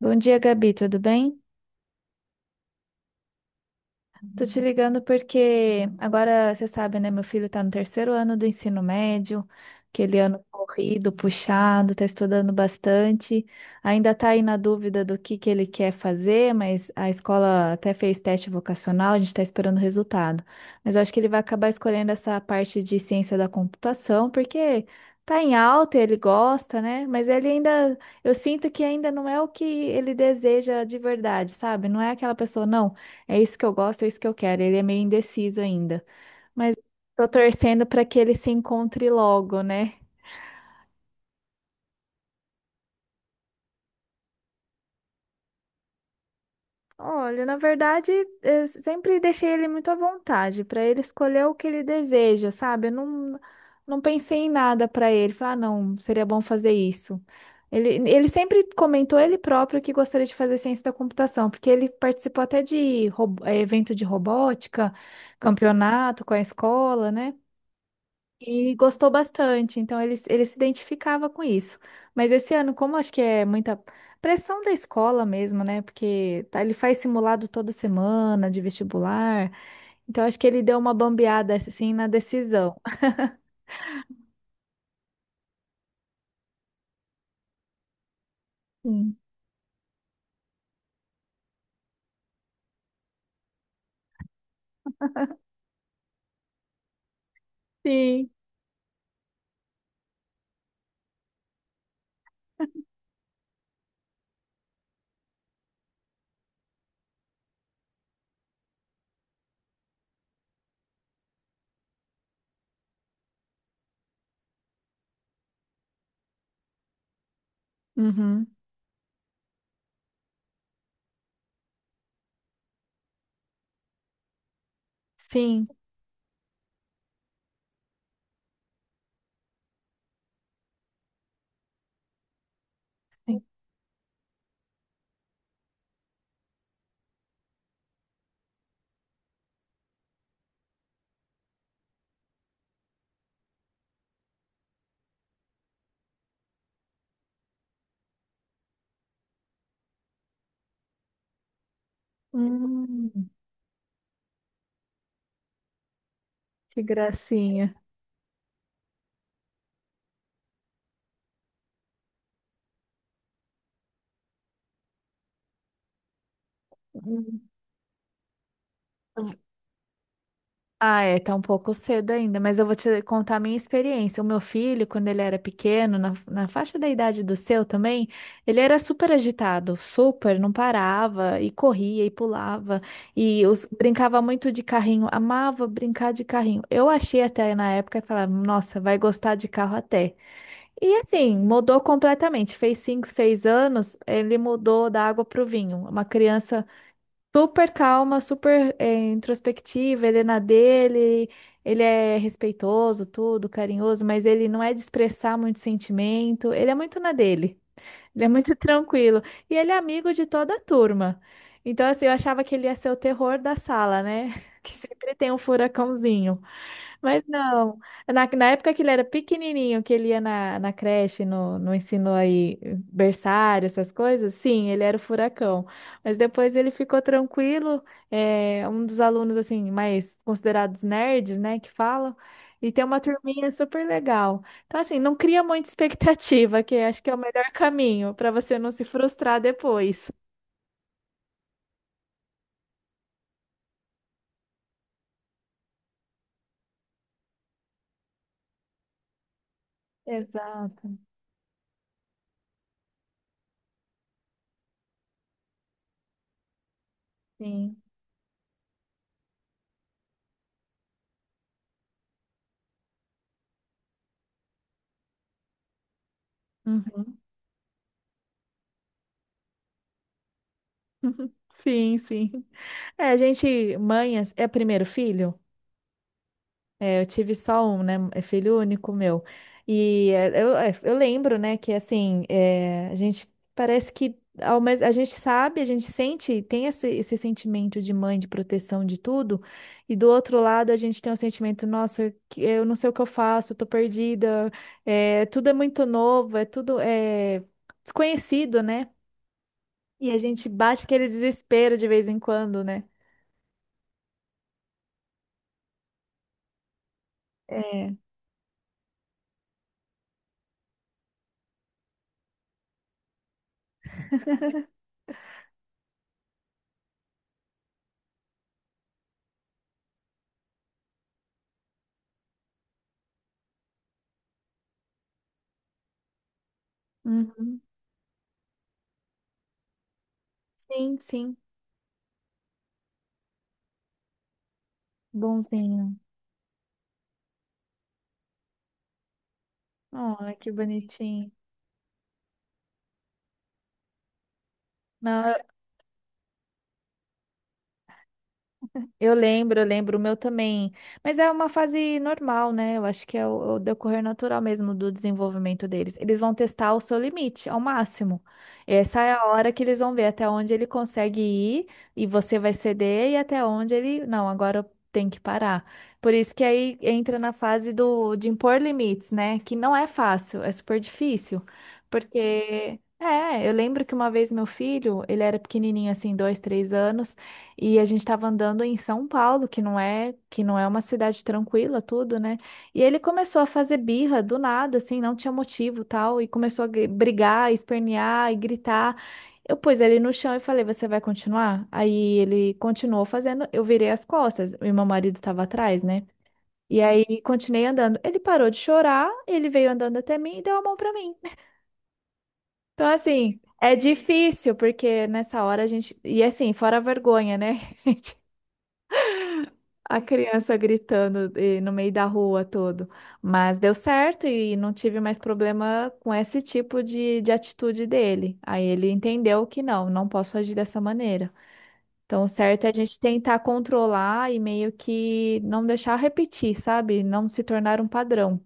Bom dia, Gabi, tudo bem? Tô te ligando porque agora você sabe, né? Meu filho tá no terceiro ano do ensino médio, aquele ano corrido, puxado, tá estudando bastante. Ainda tá aí na dúvida do que ele quer fazer, mas a escola até fez teste vocacional, a gente tá esperando o resultado. Mas eu acho que ele vai acabar escolhendo essa parte de ciência da computação, porque tá em alta, e ele gosta, né? Mas ele ainda, eu sinto que ainda não é o que ele deseja de verdade, sabe? Não é aquela pessoa, não. É isso que eu gosto, é isso que eu quero. Ele é meio indeciso ainda, mas tô torcendo para que ele se encontre logo, né? Olha, na verdade, eu sempre deixei ele muito à vontade para ele escolher o que ele deseja, sabe? Eu não pensei em nada para ele. Falar, ah, não, seria bom fazer isso. Ele sempre comentou ele próprio que gostaria de fazer ciência da computação, porque ele participou até de evento de robótica, campeonato com a escola, né? E gostou bastante, então ele se identificava com isso. Mas esse ano, como acho que é muita pressão da escola mesmo, né? Porque tá- ele faz simulado toda semana de vestibular, então acho que ele deu uma bambeada assim na decisão. Hum. Sim. Uhum. Sim. Sim. Hum, que gracinha. Hum. Ah, é, tá um pouco cedo ainda, mas eu vou te contar a minha experiência. O meu filho, quando ele era pequeno, na faixa da idade do seu também, ele era super agitado, super, não parava, e corria e pulava, e brincava muito de carrinho, amava brincar de carrinho. Eu achei até na época, falava, nossa, vai gostar de carro até. E assim, mudou completamente. Fez 5, 6 anos, ele mudou da água para o vinho. Uma criança. Super calma, super introspectiva, ele é na dele, ele é respeitoso, tudo, carinhoso, mas ele não é de expressar muito sentimento, ele é muito na dele, ele é muito tranquilo. E ele é amigo de toda a turma. Então, assim, eu achava que ele ia ser o terror da sala, né? Que sempre tem um furacãozinho. Mas não, na época que ele era pequenininho, que ele ia na creche, no ensino aí, berçário, essas coisas, sim, ele era o furacão. Mas depois ele ficou tranquilo, é, um dos alunos, assim, mais considerados nerds, né, que falam, e tem uma turminha super legal. Então, assim, não cria muita expectativa, que acho que é o melhor caminho para você não se frustrar depois. Exato, sim. Uhum. Sim, sim. É, a gente, mãe, é primeiro filho? Eu tive só um, né? É filho único meu. E eu lembro, né, que assim, é, a gente parece que a gente sabe, a gente sente, tem esse sentimento de mãe, de proteção de tudo, e do outro lado a gente tem o sentimento, nossa, que- eu não sei o que eu faço, eu tô perdida, é, tudo é muito novo, é tudo é, desconhecido, né? E a gente bate aquele desespero de vez em quando, né? É. Uhum. Sim, sim. Bonzinho. Olha, que bonitinho. Não, eu lembro, eu lembro, o meu também. Mas é uma fase normal, né? Eu acho que é o decorrer natural mesmo do desenvolvimento deles. Eles vão testar o seu limite ao máximo. Essa é a hora que eles vão ver até onde ele consegue ir e você vai ceder e até onde ele, não, agora eu tenho que parar. Por isso que aí entra na fase do de impor limites, né? Que não é fácil, é super difícil, porque é, eu lembro que uma vez meu filho, ele era pequenininho assim, 2, 3 anos, e a gente estava andando em São Paulo, que não é uma cidade tranquila, tudo, né? E ele começou a fazer birra do nada, assim, não tinha motivo, tal, e começou a brigar, espernear e gritar. Eu pus ele no chão e falei: "Você vai continuar?" Aí ele continuou fazendo, eu virei as costas, e meu marido estava atrás, né? E aí continuei andando. Ele parou de chorar, ele veio andando até mim e deu a mão para mim. Então, assim, é difícil, porque nessa hora a gente. E assim, fora a vergonha, né? A criança gritando e no meio da rua todo. Mas deu certo e não tive mais problema com esse tipo de atitude dele. Aí ele entendeu que não, não posso agir dessa maneira. Então, o certo é a gente tentar controlar e meio que não deixar repetir, sabe? Não se tornar um padrão.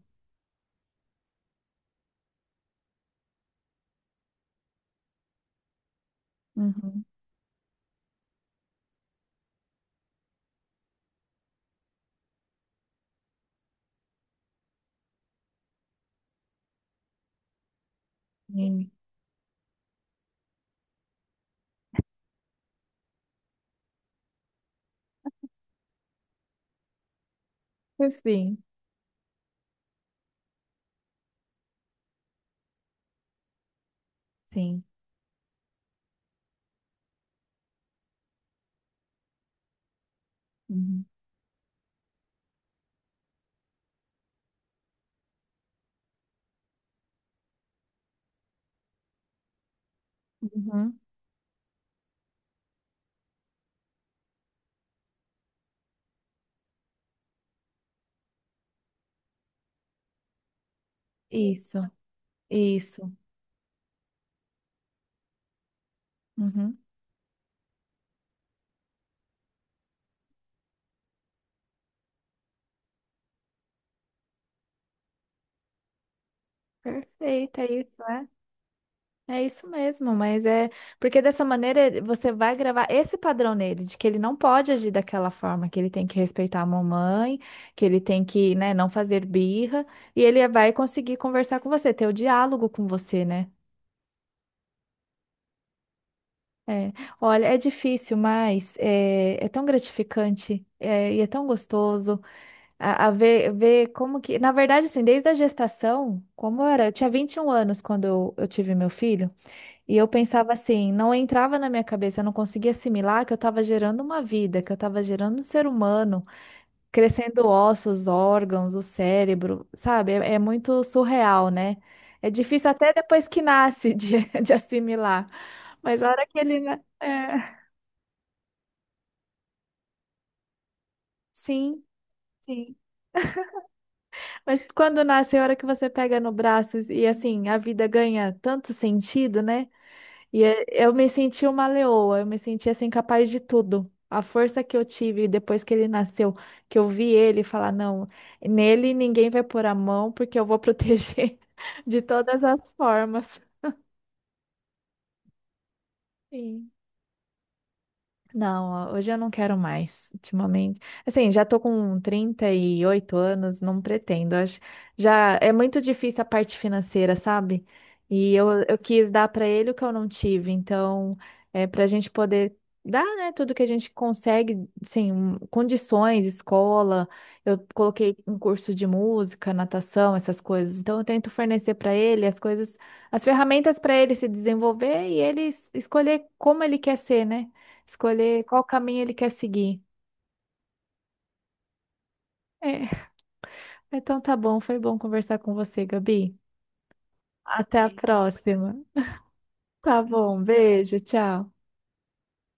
Uhum. Sim, sim. Sim. Uhum. Uhum. Isso, isso. Uhum. Perfeito, é isso, né? É isso mesmo, mas é porque dessa maneira ele- você vai gravar esse padrão nele, de que ele não pode agir daquela forma, que ele tem que respeitar a mamãe, que ele tem que, né, não fazer birra, e ele vai conseguir conversar com você, ter o diálogo com você, né? É. Olha, é difícil, mas é, é tão gratificante, é, e é tão gostoso a ver como que, na verdade, assim, desde a gestação, como era, eu tinha 21 anos quando eu tive meu filho. E eu pensava assim, não entrava na minha cabeça, eu não conseguia assimilar que eu estava gerando uma vida, que eu estava gerando um ser humano, crescendo ossos, órgãos, o cérebro, sabe? É, é muito surreal, né? É difícil até depois que nasce de, de assimilar. Mas a hora que ele. Na- É, sim, sim. Mas quando nasce, é a hora que você pega no braço e assim, a vida ganha tanto sentido, né? E é- eu me senti uma leoa, eu me senti assim capaz de tudo. A força que eu tive depois que ele nasceu, que eu vi ele falar, não, nele ninguém vai pôr a mão porque eu vou proteger de todas as formas. Sim. Não, hoje eu não quero mais, ultimamente. Assim, já tô com 38 anos, não pretendo. Acho, já é muito difícil a parte financeira, sabe? E eu quis dar para ele o que eu não tive. Então, é para a gente poder dar, né, tudo que a gente consegue, assim, um- condições, escola. Eu coloquei um curso de música, natação, essas coisas. Então, eu tento fornecer para ele as coisas, as ferramentas para ele se desenvolver e ele escolher como ele quer ser, né? Escolher qual caminho ele quer seguir. É, então tá bom, foi bom conversar com você, Gabi. Até a próxima. Tá bom, beijo, tchau.